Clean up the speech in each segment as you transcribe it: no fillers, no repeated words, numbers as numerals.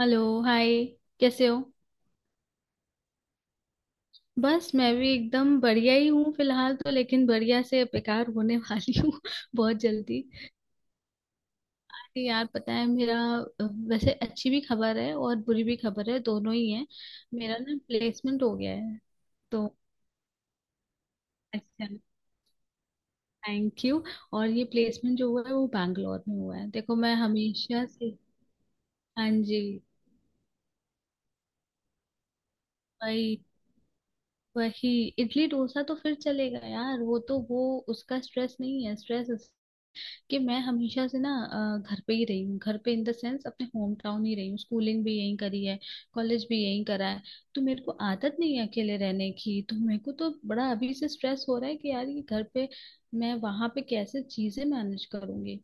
Hello hi. कैसे हो। बस मैं भी एकदम बढ़िया ही हूँ फिलहाल, तो लेकिन बढ़िया से बेकार होने वाली हूँ बहुत जल्दी। अरे यार, पता है मेरा अ, वैसे अच्छी भी खबर है और बुरी भी खबर है, दोनों ही है। मेरा ना प्लेसमेंट हो गया है तो। अच्छा। Thank you. और ये प्लेसमेंट जो हुआ है वो बैंगलोर में हुआ है। देखो मैं हमेशा से। हाँ जी। वही वही इडली डोसा तो फिर चलेगा यार, वो तो वो उसका स्ट्रेस नहीं है। स्ट्रेस कि मैं हमेशा से ना घर पे ही रही हूँ, घर पे इन द सेंस अपने होम टाउन ही रही हूँ। स्कूलिंग भी यहीं करी है, कॉलेज भी यहीं करा है। तो मेरे को आदत नहीं है अकेले रहने की, तो मेरे को तो बड़ा अभी से स्ट्रेस हो रहा है कि यार ये घर पे मैं वहां पे कैसे चीजें मैनेज करूंगी।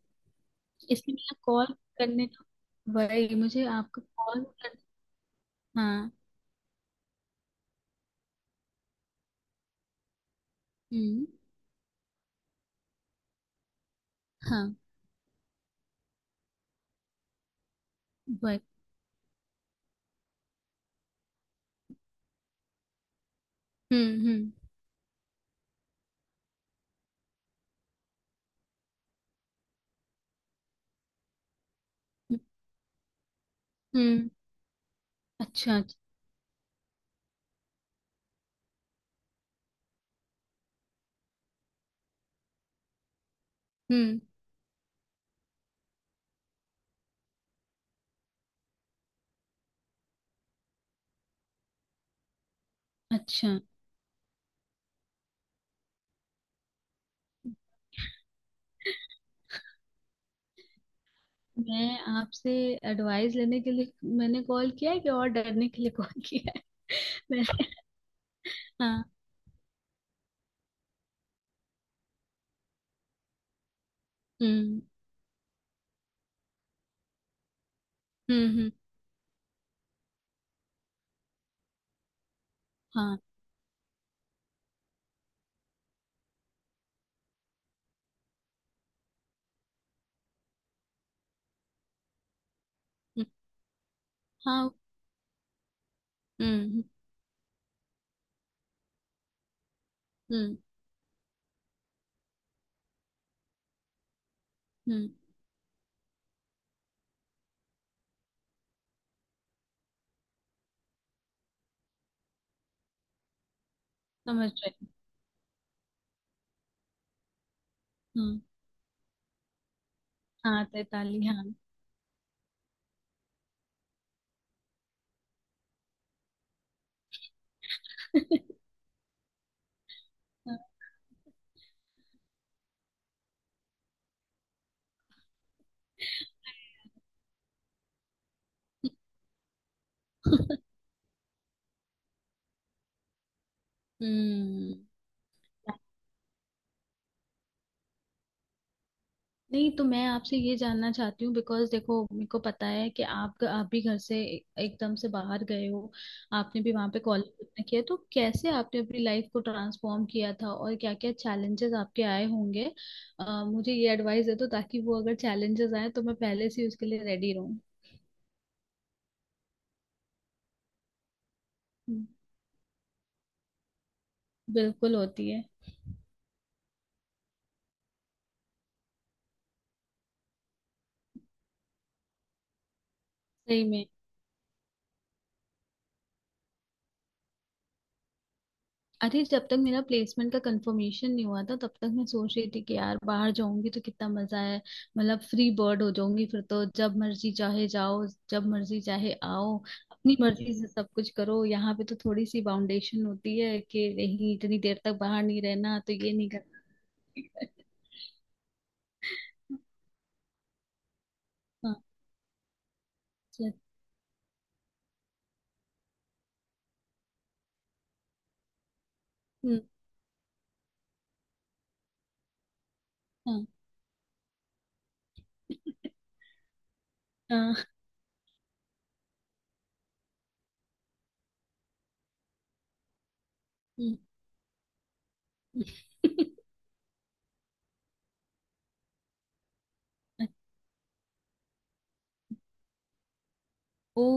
इसलिए मैं कॉल करने का, वही मुझे आपको कॉल कर। हाँ। हम्म। हाँ। वही। हम्म। हम्म। हम्म। हम्म। अच्छा अच्छा। हम्म। अच्छा। मैं आपसे एडवाइस लेने के लिए मैंने कॉल किया है कि, और डरने के लिए कॉल किया है। मैंने। हाँ। हम्म। हम्म। हम्म। हाँ। हम्म। हाँ। हम्म। हम्म। हम्म। हम्म। समझ रही हूँ। हम्म। हाँ, तैताली, हाँ। हम्म। नहीं, तो मैं आपसे ये जानना चाहती हूँ बिकॉज देखो, मेरे को पता है कि आप भी घर से एकदम से बाहर गए हो। आपने भी वहां पे कॉलेज अपना किया, तो कैसे आपने अपनी लाइफ को ट्रांसफॉर्म किया था और क्या क्या चैलेंजेस आपके आए होंगे। मुझे ये एडवाइस दे दो ताकि वो अगर चैलेंजेस आए तो मैं पहले से ही उसके लिए रेडी रहूँ। हम्म। बिल्कुल होती है। सही में। अरे जब तक मेरा प्लेसमेंट का कंफर्मेशन नहीं हुआ था तब तक मैं सोच रही थी कि यार बाहर जाऊंगी तो कितना मजा है। मतलब फ्री बर्ड हो जाऊंगी, फिर तो जब मर्जी चाहे जाओ, जब मर्जी चाहे आओ, अपनी मर्जी से सब कुछ करो। यहाँ पे तो थोड़ी सी बाउंडेशन होती है कि नहीं, इतनी देर तक बाहर नहीं रहना, तो ये नहीं करना। हाँ। अच्छा। हम्म। हाँ हाँ। हम्म। हम्म। ओ।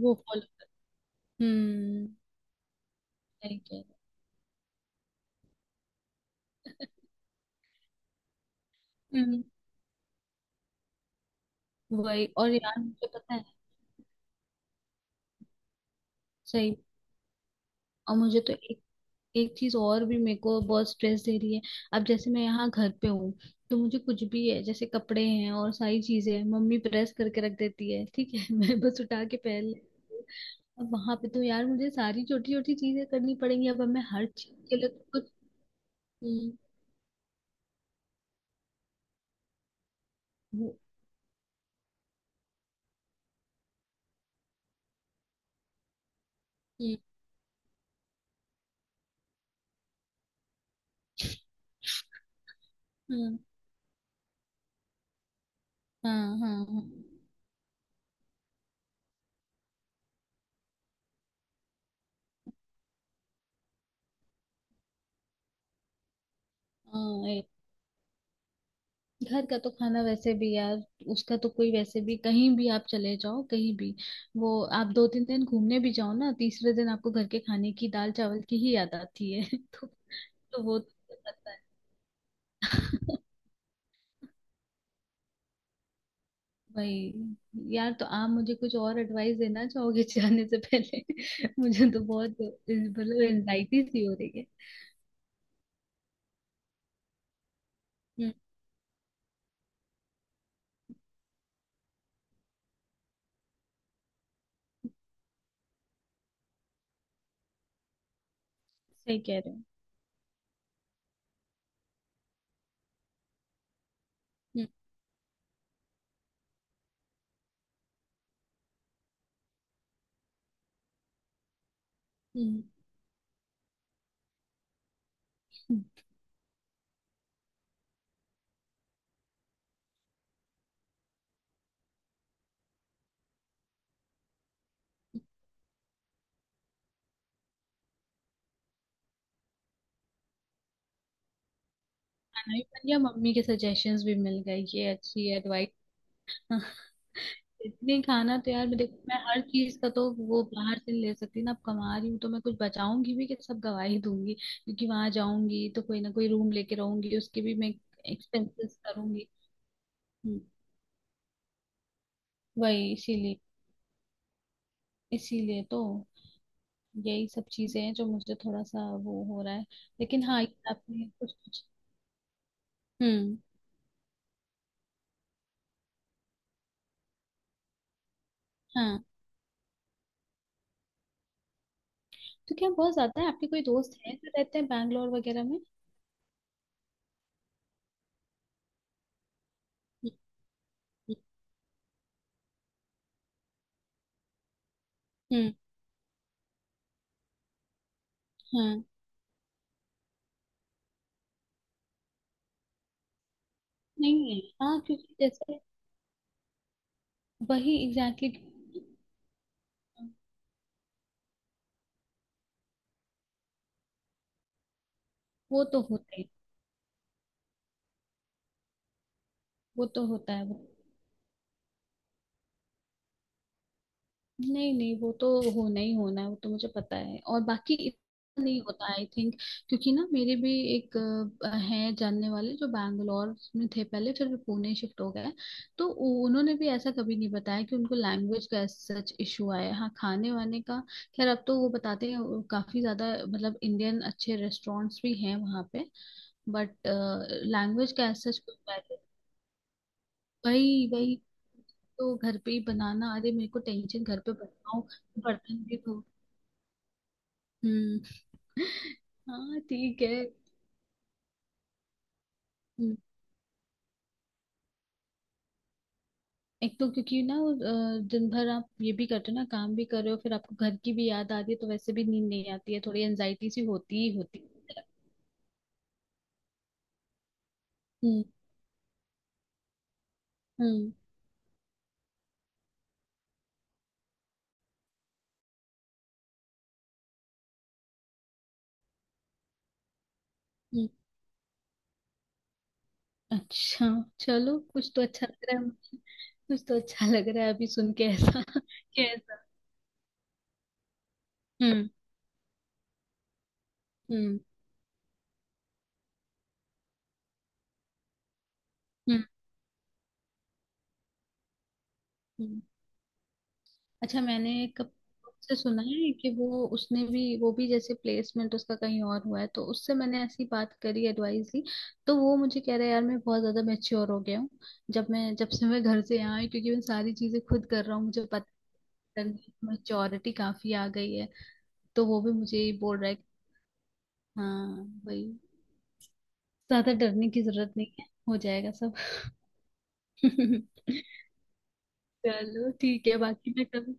वो फॉलो। हम्म। सही कह रहे हो। हम्म। वही, और यार मुझे पता है। सही। और मुझे तो एक एक चीज और भी मेरे को बहुत स्ट्रेस दे रही है। अब जैसे मैं यहाँ घर पे हूँ तो मुझे कुछ भी है, जैसे कपड़े हैं और सारी चीजें हैं, मम्मी प्रेस करके रख देती है, ठीक है। मैं बस उठा के पहन लेती हूँ। अब वहां पे तो यार मुझे सारी छोटी छोटी चीजें करनी पड़ेंगी। अब मैं हर चीज के लिए तो कुछ। हम्म। हम्म। हम्म। हाँ हाँ हाँ। हाँ, घर का तो खाना वैसे भी यार, उसका तो कोई, वैसे भी कहीं भी आप चले जाओ, कहीं भी वो। आप दो तीन दिन घूमने भी जाओ ना, तीसरे दिन आपको घर के खाने की दाल चावल की ही याद आती है। तो वो तो पता है। भाई। यार तो आप मुझे कुछ और एडवाइस देना चाहोगे जाने से पहले। मुझे तो बहुत मतलब एनजाइटी सी हो रही है। हम्म। सही कह रहे हो। हम्म। हम्म। हम्म। खाना भी बन गया, मम्मी के सजेशंस भी मिल गए। ये अच्छी एडवाइस। इतनी खाना तो यार मैं, देखो मैं हर चीज का तो वो बाहर से नहीं ले सकती ना। अब कमा रही हूँ तो मैं कुछ बचाऊंगी भी कि सब गवा ही दूंगी। क्योंकि वहां जाऊंगी तो कोई ना कोई रूम लेके रहूंगी, उसके भी मैं एक्सपेंसेस करूंगी। हम्म। वही इसीलिए, इसीलिए तो यही सब चीजें हैं जो मुझे थोड़ा सा वो हो रहा है। लेकिन हाँ, ये आपने कुछ कुछ। हम्म। हाँ। तो क्या बहुत ज्यादा है, आपके कोई दोस्त हैं जो रहते हैं बैंगलोर वगैरह में। हम्म। हम्म। हाँ। नहीं है हाँ, क्योंकि जैसे। वही एग्जैक्टली exactly। वो तो होता है। वो तो होता है। नहीं नहीं, वो तो होना ही होना है, वो तो मुझे पता है। और बाकी इतना नहीं होता आई थिंक। क्योंकि ना मेरे भी एक है जानने वाले जो बैंगलोर में थे पहले, फिर वो पुणे शिफ्ट हो गए। तो उन्होंने भी ऐसा कभी नहीं बताया कि उनको लैंग्वेज का सच इशू आया है। हाँ, खाने वाने का खैर अब तो वो बताते हैं, वो काफी ज्यादा मतलब इंडियन अच्छे रेस्टोरेंट्स भी हैं वहाँ पे। बट लैंग्वेज का ऐसा कोई barrier। वही वही। तो घर पे ही बनाना, अरे मेरे को टेंशन, घर पे बनाऊं, बर्तन भी धो। हम्म। हाँ ठीक है। हम्म। एक तो क्योंकि ना दिन भर आप ये भी करते हो ना, काम भी कर रहे हो, फिर आपको घर की भी याद आती है, तो वैसे भी नींद नहीं आती है, थोड़ी एनजाइटी सी होती ही होती है। हम्म। हम्म। हम्म। अच्छा। चलो कुछ तो अच्छा लग रहा है मुझे। कुछ तो अच्छा लग रहा है अभी सुन के ऐसा। कैसा। हम्म। हम्म। हम्म। हम्म। अच्छा, मैंने एक से सुना है कि वो, उसने भी वो भी जैसे प्लेसमेंट उसका कहीं और हुआ है, तो उससे मैंने ऐसी बात करी, एडवाइस ली। तो वो मुझे कह रहा है यार मैं बहुत ज्यादा मैच्योर हो गया हूँ जब मैं, जब से मैं घर से यहाँ आई क्योंकि मैं सारी चीजें खुद कर रहा हूँ, मुझे पता नहीं मैच्योरिटी काफी आ गई है। तो वो भी मुझे ही बोल रहा है कि हाँ भाई, ज्यादा डरने की जरूरत नहीं है, हो जाएगा सब। चलो ठीक है, बाकी मैं कभी।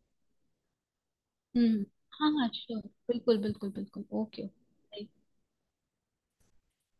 हम्म। हाँ हाँ श्योर। बिल्कुल बिल्कुल बिल्कुल। ओके।